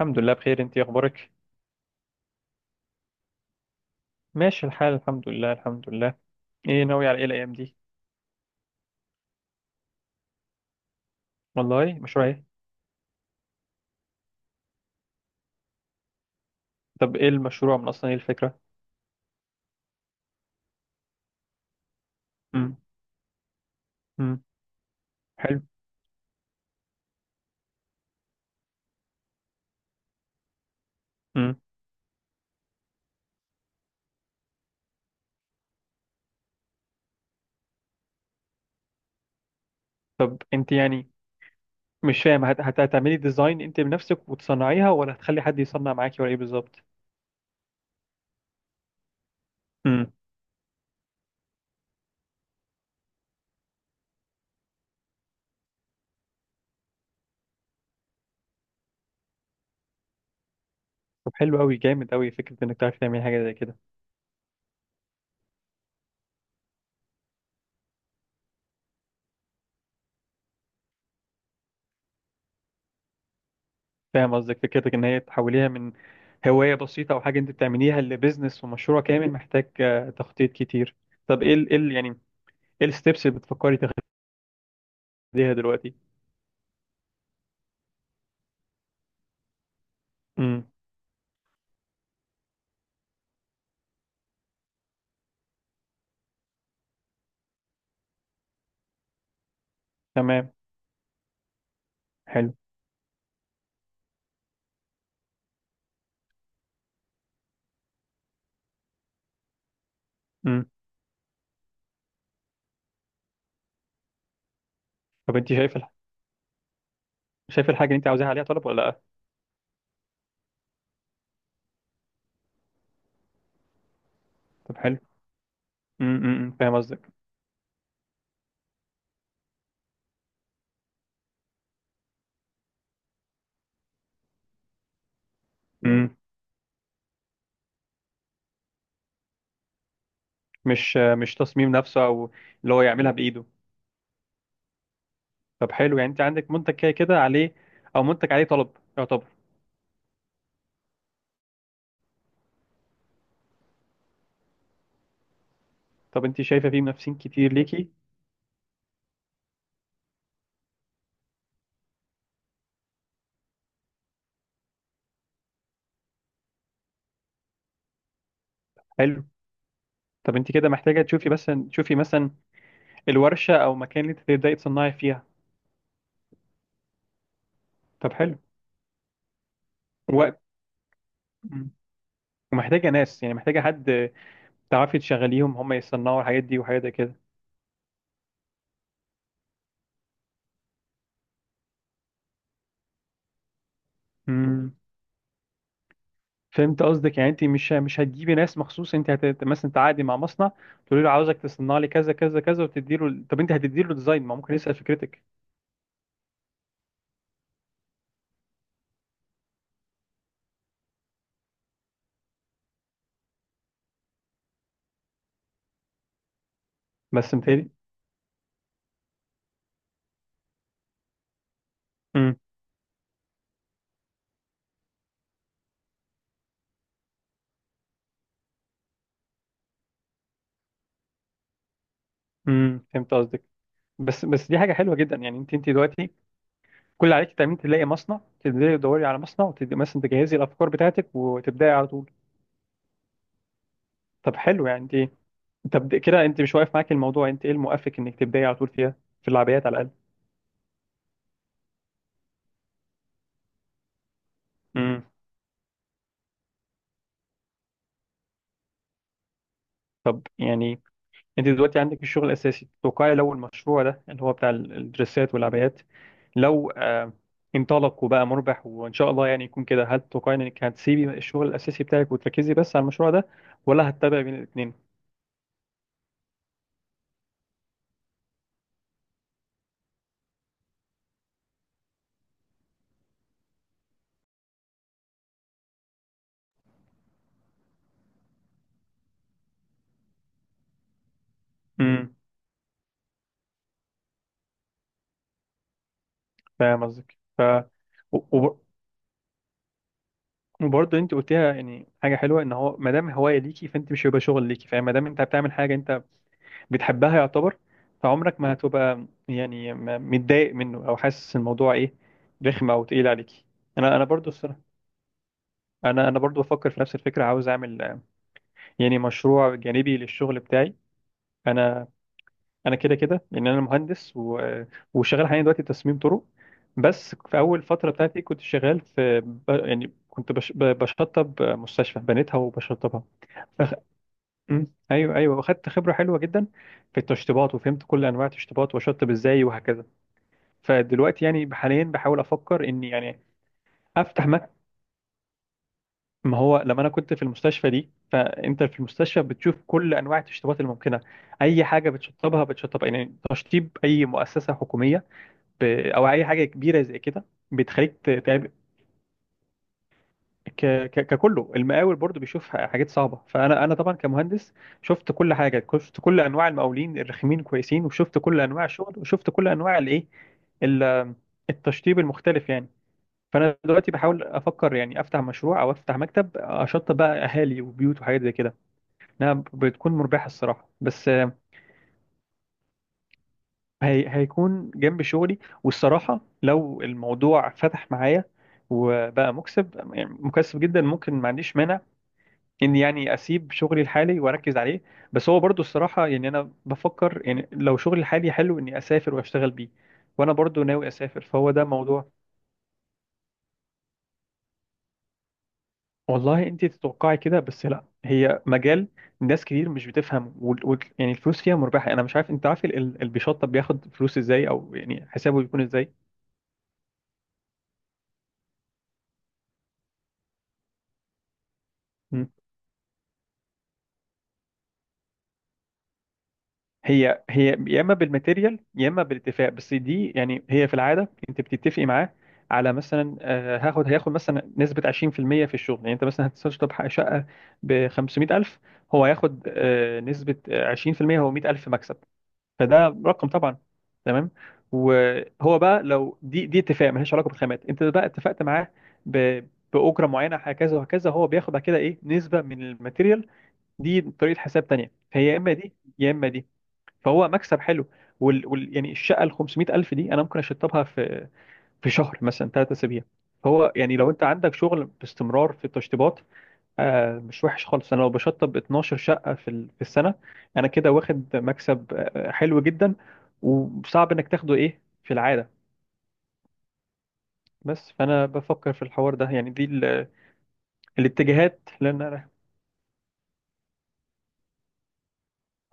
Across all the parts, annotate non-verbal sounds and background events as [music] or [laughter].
الحمد لله بخير. انت اخبارك؟ ماشي الحال، الحمد لله الحمد لله. ايه ناوي على ايه الايام دي؟ والله مشروع ايه؟ طب ايه المشروع، من اصلا ايه الفكره؟ امم. امم. حلو. امم. طب انت يعني، مش فاهم هتعملي ديزاين انت بنفسك وتصنعيها، ولا هتخلي حد يصنع معاكي، ولا ايه بالظبط؟ امم. طب حلو قوي، جامد قوي فكره انك تعرفي تعملي حاجه زي كده. فاهم قصدك، فكرتك ان هي تحوليها من هوايه بسيطه او حاجه انت بتعمليها لبزنس، ومشروع كامل محتاج تخطيط كتير. طب يعني ايه الستبس اللي بتفكري ليها دلوقتي؟ امم. تمام. حلو. امم. طب انت شايف شايف الحاجه اللي انت عاوزاها عليها طلب ولا لا؟ طب حلو. أمم، فاهم قصدك. امم. مش تصميم نفسه، او اللي هو يعملها بايده. طب حلو، يعني انت عندك منتج كده كده عليه، او منتج عليه طلب يعتبر. طب انت شايفه فيه منافسين كتير ليكي؟ حلو. طب انت كده محتاجه تشوفي، بس تشوفي مثلا الورشه او مكان اللي انت تبداي تصنعي فيها. طب حلو. و... أمم. ومحتاجه ناس، يعني محتاجه حد تعرفي تشغليهم هم يصنعوا الحاجات دي، وحاجات زي كده. امم. فهمت قصدك، يعني انت مش هتجيبي ناس مخصوص، انت مثلا تعاقدي مع مصنع، تقولي له عاوزك تصنع لي كذا كذا كذا، وتدي له. طب انت هتدي له ديزاين، ما ممكن يسأل فكرتك. بس متهيألي. امم فهمت قصدك. بس دي حاجه حلوه جدا، يعني انت دلوقتي كل عليك تعملي تلاقي مصنع، تبداي تدوري على مصنع، وتبدأ مثلا تجهزي الافكار بتاعتك، وتبداي على طول. طب حلو، يعني انت طب كده انت مش واقف معاك الموضوع، انت ايه المؤفق انك تبداي على طول فيها، في العبايات على الاقل. امم. طب يعني انت دلوقتي عندك الشغل الاساسي، توقعي لو المشروع ده اللي هو بتاع الدريسات والعبايات، لو انطلق وبقى مربح وان شاء الله، يعني يكون كده، هل تتوقعي انك هتسيبي الشغل الاساسي بتاعك وتركزي بس على المشروع ده، ولا هتتابعي بين الاثنين؟ امم. فاهم قصدك. و- وب- وبرضه انت قلتيها، يعني حاجه حلوه ان هو ما دام هوايه ليكي، فانت مش هيبقى شغل ليكي، فما دام انت بتعمل حاجه انت بتحبها يعتبر، فعمرك ما هتبقى يعني متضايق منه، او حاسس الموضوع ايه، رخم او تقيل عليكي. انا برضو الصراحه، انا برضو بفكر في نفس الفكره، عاوز اعمل يعني مشروع جانبي للشغل بتاعي. انا انا كده كده لان انا مهندس، و... آه، وشغال حاليا دلوقتي تصميم طرق. بس في اول فتره بتاعتي كنت شغال في يعني كنت بشطب مستشفى بنيتها وبشطبها. [laughs] مم. ايوه ايوه، واخدت خبره حلوه جدا في التشطيبات، وفهمت كل انواع التشطيبات، واشطب ازاي وهكذا. فدلوقتي يعني حاليا بحاول افكر اني يعني افتح مكتب. ما هو لما انا كنت في المستشفى دي، فانت في المستشفى بتشوف كل انواع التشطيبات الممكنه، اي حاجه بتشطبها بتشطب يعني تشطيب اي مؤسسه حكوميه، او اي حاجه كبيره زي كده، بتخليك ككله. المقاول برضو بيشوف حاجات صعبه، فانا طبعا كمهندس شفت كل حاجه، شفت كل انواع المقاولين الرخمين كويسين، وشفت كل انواع الشغل، وشفت كل انواع الايه ال- التشطيب المختلف يعني. فانا دلوقتي بحاول افكر يعني افتح مشروع او افتح مكتب، اشطب بقى اهالي وبيوت وحاجات زي كده، انها بتكون مربحه الصراحه، بس هيكون جنب شغلي. والصراحه لو الموضوع فتح معايا، وبقى مكسب، يعني مكسب جدا، ممكن ما عنديش مانع اني يعني اسيب شغلي الحالي واركز عليه. بس هو برضو الصراحه يعني انا بفكر، يعني لو شغلي الحالي حلو اني اسافر واشتغل بيه، وانا برضو ناوي اسافر، فهو ده موضوع. والله انت تتوقعي كده، بس لا، هي مجال ناس كتير مش بتفهم، يعني الفلوس فيها مربحه. انا مش عارف انت عارف اللي بيشطب بياخد فلوس ازاي، او يعني حسابه بيكون ازاي. هي يا اما بالماتيريال يا اما بالاتفاق، بس دي يعني هي في العاده انت بتتفقي معاه على مثلا هياخد مثلا نسبه 20% في المية في الشغل. يعني انت مثلا هتشطب شقه ب 500,000، هو هياخد نسبه 20%، هو 100,000 مكسب. فده رقم طبعا. تمام. وهو بقى لو دي اتفاق ملهاش علاقه بالخامات، انت بقى اتفقت معاه ب- باجره معينه هكذا وهكذا، هو بياخد بعد كده ايه نسبه من الماتيريال، دي طريقه حساب تانيه. فهي يا اما دي يا اما دي. فهو مكسب حلو، يعني الشقه ال 500 الف دي انا ممكن اشطبها في شهر، مثلا 3 اسابيع. فهو يعني لو انت عندك شغل باستمرار في التشطيبات، آه مش وحش خالص. انا لو بشطب 12 شقه في في السنه، انا كده واخد مكسب حلو جدا، وصعب انك تاخده ايه في العاده. بس فانا بفكر في الحوار ده، يعني دي الاتجاهات، لان انا،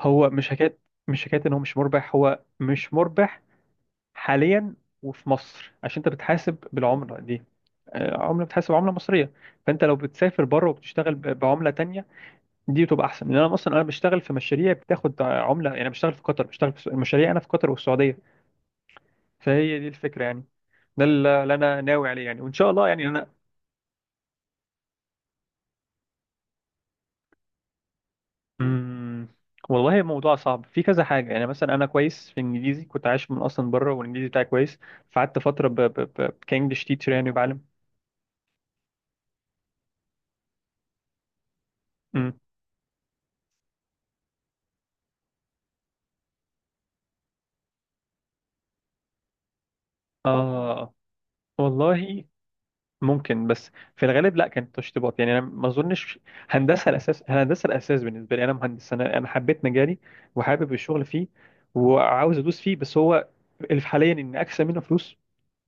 هو مش حكايه، مش حكايه ان هو مش مربح. هو مش مربح حاليا، وفي مصر عشان انت بتحاسب بالعمله دي، عمله بتحسب عمله مصريه، فانت لو بتسافر بره وبتشتغل بعمله تانية، دي بتبقى احسن، لان انا اصلا انا بشتغل في مشاريع بتاخد عمله، يعني أنا بشتغل في قطر، بشتغل في المشاريع انا في قطر والسعوديه. فهي دي الفكره يعني، ده اللي انا ناوي عليه، يعني وان شاء الله يعني انا. مم، والله الموضوع صعب في كذا حاجه، يعني مثلا انا كويس في الانجليزي، كنت عايش من اصلا بره والانجليزي بتاعي كويس، فقعدت فتره كانجلش تيتشر، يعني بعلم. مم. اه، والله ممكن، بس في الغالب لا، كانت تشطيبات، يعني انا ما اظنش. هندسه الاساس، هندسه الاساس بالنسبه لي، انا مهندس. انا حبيت مجالي، وحابب الشغل فيه، وعاوز ادوس فيه، بس هو اللي في حاليا ان اكسب منه فلوس.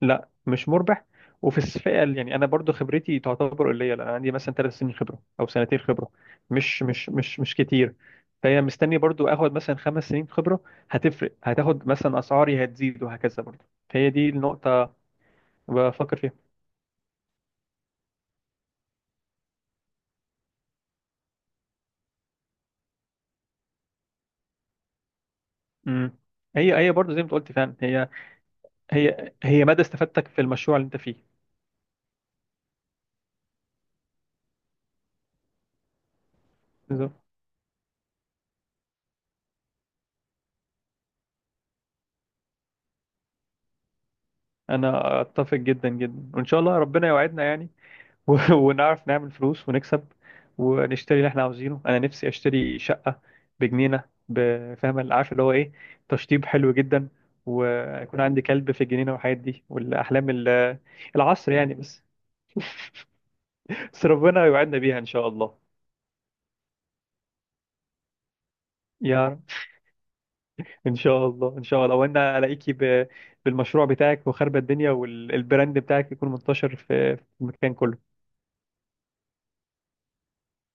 لا مش مربح، وفي الفئه يعني انا برضو خبرتي تعتبر قليله. انا عندي مثلا 3 سنين خبره او سنتين خبره، مش كتير، فهي مستني برضو اخد مثلا 5 سنين خبره، هتفرق، هتاخد مثلا اسعاري هتزيد وهكذا برضو، فهي دي النقطه بفكر فيها. امم. هي هي برضه زي ما أنت قلت فعلا. هي مدى استفادتك في المشروع اللي انت فيه. بالظبط. انا اتفق جدا جدا، وان شاء الله ربنا يوعدنا يعني. [laughs] ونعرف نعمل فلوس ونكسب، ونشتري اللي احنا عاوزينه. انا نفسي اشتري شقة بجنينة بفاهم، عارف اللي هو ايه، تشطيب حلو جدا، ويكون عندي كلب في الجنينة والحاجات دي، والاحلام العصر يعني، بس. بس ربنا يوعدنا بيها ان شاء الله. يا ان شاء الله، ان شاء الله، وانا الاقيكي بالمشروع بتاعك، وخربة الدنيا، والبراند بتاعك يكون منتشر في المكان كله.